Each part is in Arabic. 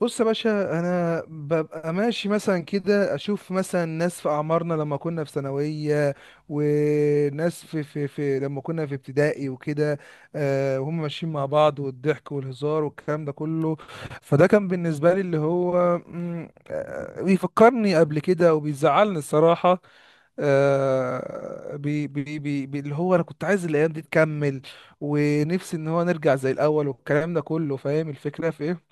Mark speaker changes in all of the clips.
Speaker 1: بص يا باشا، انا ببقى ماشي مثلا كده، اشوف مثلا ناس في اعمارنا لما كنا في ثانويه، وناس في لما كنا في ابتدائي وكده، وهم ماشيين مع بعض، والضحك والهزار والكلام ده كله. فده كان بالنسبه لي اللي هو بيفكرني قبل كده، وبيزعلني الصراحه. اللي هو انا كنت عايز الايام دي تكمل، ونفسي ان هو نرجع زي الاول والكلام ده كله. فاهم الفكره في ايه؟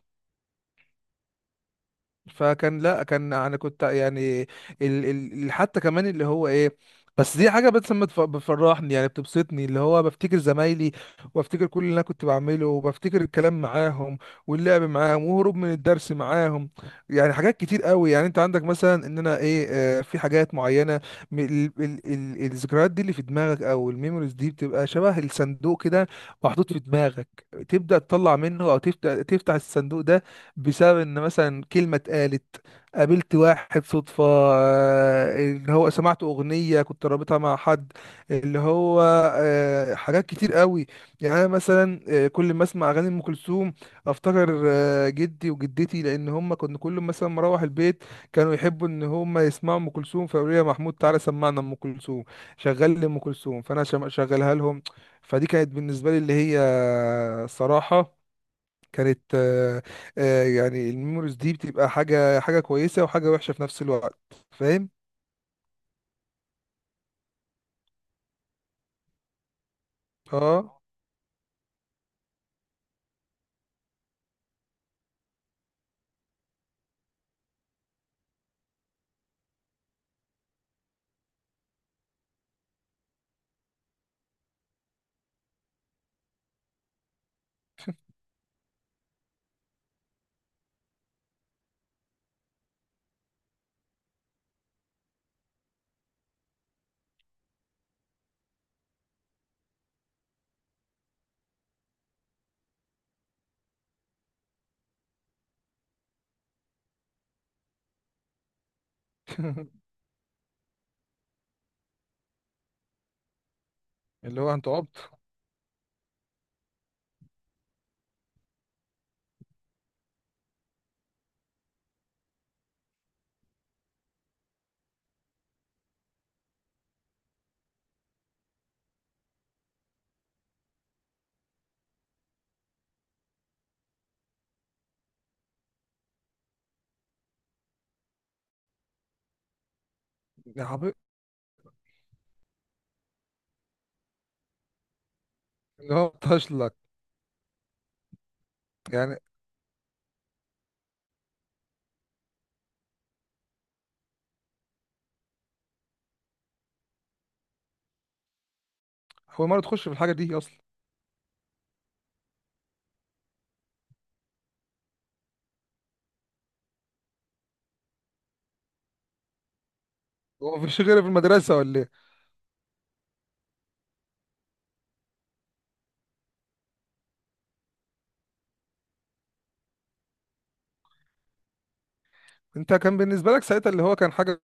Speaker 1: فكان لا كان انا كنت يعني ال ال حتى كمان اللي هو ايه، بس دي حاجه، بس ما تف- بتفرحني، يعني بتبسطني، اللي هو بفتكر زمايلي، وبفتكر كل اللي انا كنت بعمله، وبفتكر الكلام معاهم، واللعب معاهم، وهروب من الدرس معاهم، يعني حاجات كتير قوي. يعني انت عندك مثلا ان انا ايه، في حاجات معينه، ال الذكريات دي اللي في دماغك، او الميموريز دي بتبقى شبه الصندوق كده، محطوط في دماغك، تبدا تطلع منه، او تفتح الصندوق ده، بسبب ان مثلا كلمه اتقالت، قابلت واحد صدفه، اللي هو سمعت اغنيه كنت رابطها مع حد، اللي هو حاجات كتير قوي. يعني انا مثلا كل ما اسمع اغاني ام كلثوم، افتكر جدي وجدتي، لان هم كنا كل ما مثلا مروح البيت كانوا يحبوا ان هم يسمعوا ام كلثوم، فيقولوا لي يا محمود تعالى سمعنا ام كلثوم، شغل لي ام كلثوم، فانا شغلها لهم. فدي كانت بالنسبه لي اللي هي الصراحه كانت يعني الميموريز دي بتبقى حاجة، حاجة كويسة وحاجة وحشة في نفس الوقت. فاهم. اه. اللي هو انت عبط. يا حبيبي. اللي هو طاش لك يعني. هو مرة تخش في الحاجة دي اصلا؟ هو مفيش غيرها في المدرسة ولا إيه؟ انت كان بالنسبة لك ساعتها اللي هو كان حاجة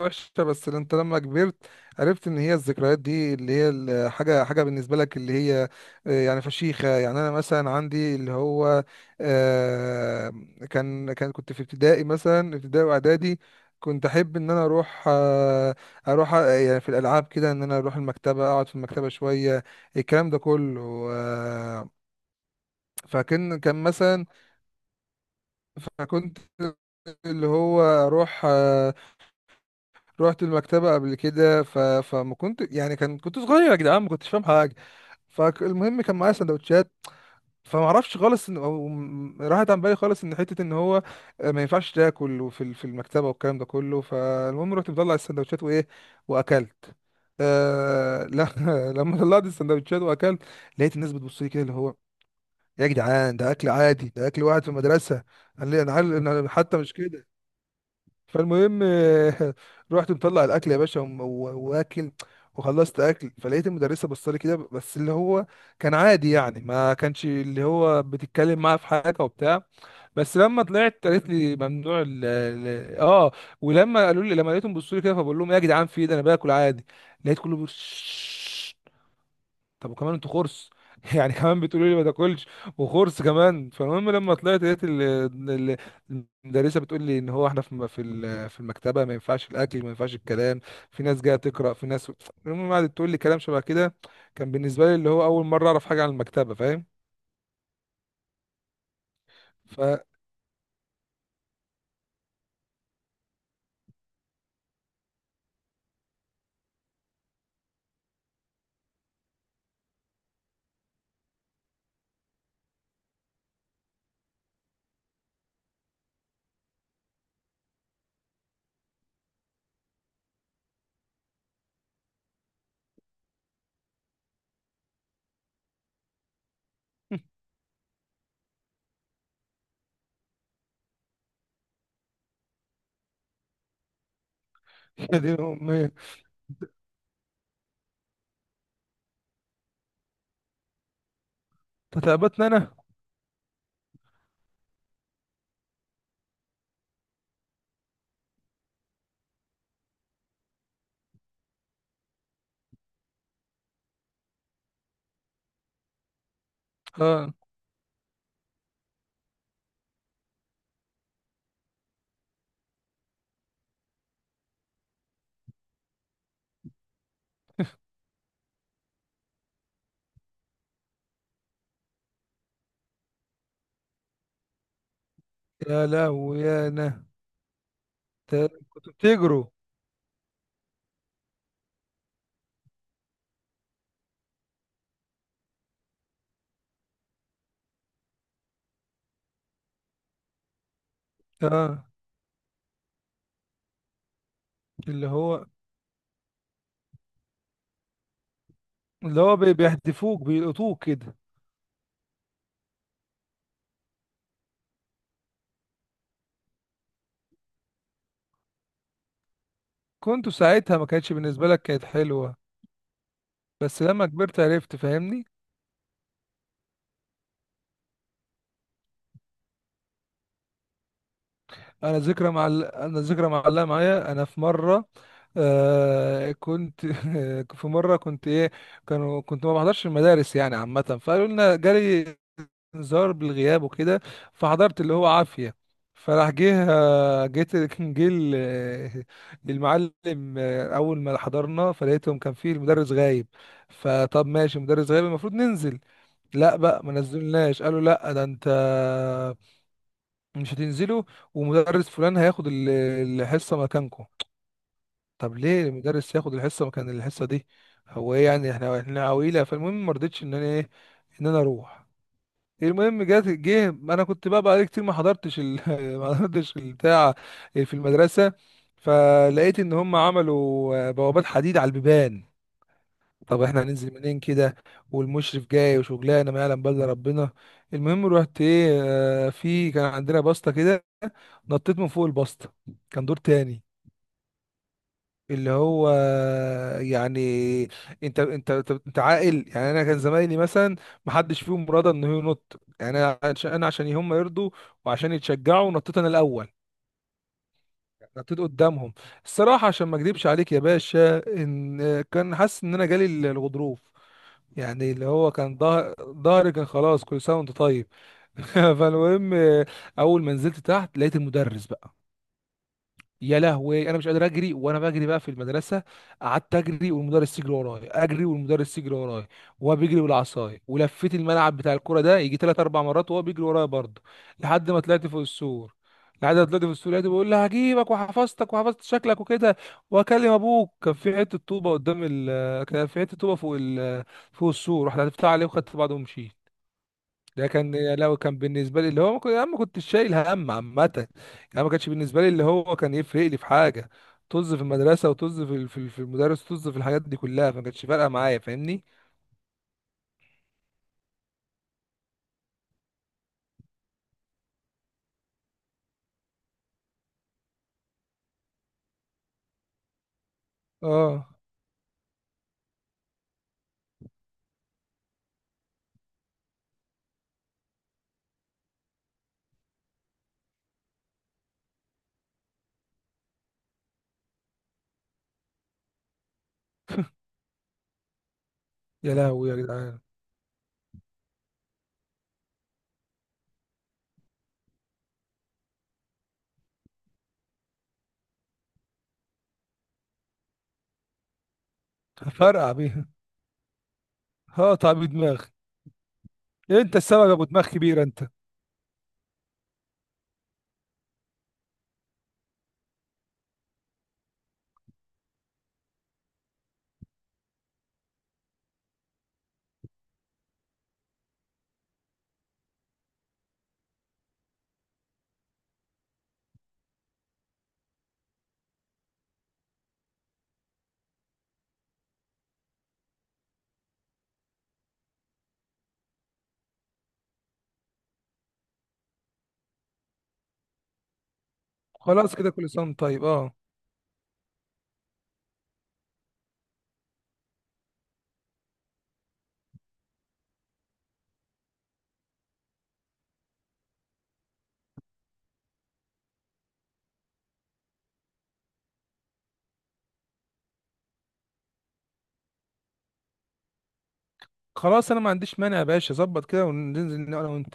Speaker 1: وحشة، بس اللي انت لما كبرت عرفت ان هي الذكريات دي اللي هي الحاجة، حاجة بالنسبة لك اللي هي يعني فشيخة. يعني انا مثلا عندي اللي هو آه، كان كنت في ابتدائي، مثلا ابتدائي واعدادي، كنت احب ان انا اروح اروح يعني في الالعاب كده، ان انا اروح المكتبة، اقعد في المكتبة شوية، الكلام ده كله. آه، فكان مثلا، فكنت اللي هو اروح رحت المكتبة قبل كده، فما كنت يعني، كان كنت صغير يا جدعان، ما كنتش فاهم حاجة. فالمهم كان معايا سندوتشات، فما اعرفش خالص ان راحت عن بالي خالص ان حته ان هو ما ينفعش تاكل في المكتبه والكلام ده كله. فالمهم رحت مطلع السندوتشات وايه، واكلت. آه لا. لما طلعت السندوتشات واكلت، لقيت الناس بتبص لي كده، اللي هو يا جدعان ده اكل عادي، ده اكل واحد في المدرسه. قال لي انا أنا حتى مش كده. فالمهم رحت مطلع الاكل يا باشا، واكل، وخلصت اكل، فلقيت المدرسه بصلي كده بس، اللي هو كان عادي يعني، ما كانش اللي هو بتتكلم معاه في حاجه وبتاع. بس لما طلعت قالت لي ممنوع اه. ولما قالوا لي، لما لقيتهم بيبصوا لي كده، فبقول لهم إيه يا جدعان؟ في إيه ده؟ انا باكل عادي. لقيت كله بيقول طب وكمان انتوا خرس؟ يعني كمان بتقولوا لي ما تاكلش وخرس كمان؟ فالمهم لما طلعت لقيت ال- المدرسه بتقول لي ان هو احنا في في المكتبه ما ينفعش الاكل، ما ينفعش الكلام، في ناس جايه تقرا، في ناس. المهم قعدت تقول لي كلام شبه كده. كان بالنسبه لي اللي هو اول مره اعرف حاجه عن المكتبه. فاهم. ف يا دين امي. تتعبتنا انا. اه. يا لهوي يا انا. كنتوا بتجروا؟ اه. اللي هو، بيحدفوك بيلقطوك كده. كنت ساعتها ما كانتش بالنسبة لك، كانت حلوة بس لما كبرت عرفت. فاهمني. انا ذكرى معلقة معايا، انا في مرة آه كنت في مرة كنت ايه، كانوا كنت ما بحضرش المدارس يعني عامة، فقالوا لنا جالي انذار بالغياب وكده. فحضرت اللي هو عافية. فراح جه جيت كان جه المعلم. اول ما حضرنا فلقيتهم كان فيه المدرس غايب. فطب ماشي، مدرس غايب المفروض ننزل. لا بقى ما نزلناش، قالوا لا ده انت مش هتنزلوا، ومدرس فلان هياخد الحصه مكانكم. طب ليه المدرس ياخد الحصه مكان الحصه دي؟ هو ايه يعني، احنا عويله؟ فالمهم ما رضيتش ان انا ايه، ان انا اروح. المهم جات، جه انا كنت بقى بقالي كتير ما حضرتش ما حضرتش البتاع في المدرسه. فلقيت ان هم عملوا بوابات حديد على البيبان. طب احنا هننزل منين كده، والمشرف جاي وشغلانه ما يعلم بل ربنا. المهم رحت ايه، في كان عندنا بسطه كده، نطيت من فوق البسطه، كان دور تاني. اللي هو يعني، انت عاقل يعني، انا كان زمايلي مثلا ما حدش فيهم راضى انه ينط، يعني انا عشان، انا عشان هم يرضوا وعشان يتشجعوا نطيت انا الاول، نطيت قدامهم. الصراحه، عشان ما اكذبش عليك يا باشا، ان كان حاسس ان انا جالي الغضروف، يعني اللي هو كان ظهر، ظهري كان خلاص، كل سنه وانت طيب. فالمهم اول ما نزلت تحت لقيت المدرس بقى، يا لهوي انا مش قادر اجري، وانا بجري بقى في المدرسه، قعدت اجري والمدرس يجري ورايا، اجري والمدرس يجري ورايا، وهو بيجري بالعصايه، ولفيت الملعب بتاع الكوره ده يجي ثلاث اربع مرات وهو بيجري ورايا برضه، لحد ما طلعت فوق السور. لحد ما طلعت فوق السور لقيته بيقول لي هجيبك، وحفظتك، وحفظت شكلك وكده، واكلم ابوك. كان في حته طوبه قدام ال، كان في حته طوبه فوق ال، فوق السور، رحت هتفتح عليه وخدت بعضه ومشيت. ده كان لو كان بالنسبه لي اللي هو ما كنت، انا ما كنتش شايل هم عامه يعني. أنا ما كانش بالنسبه لي اللي هو كان يفرق لي في حاجه، طز في المدرسه، وطز في في المدرس، طز في الحاجات دي كلها، فما كانتش فارقه معايا. فاهمني. اه. يا لهوي يا جدعان. فرقع بيها. هقطع بدماغي. انت السبب يا ابو دماغ كبير انت. خلاص كده، كل سنه وأنت طيب. اه. خلاص انا ما عنديش مانع يا باشا، ظبط كده وننزل انا وانت.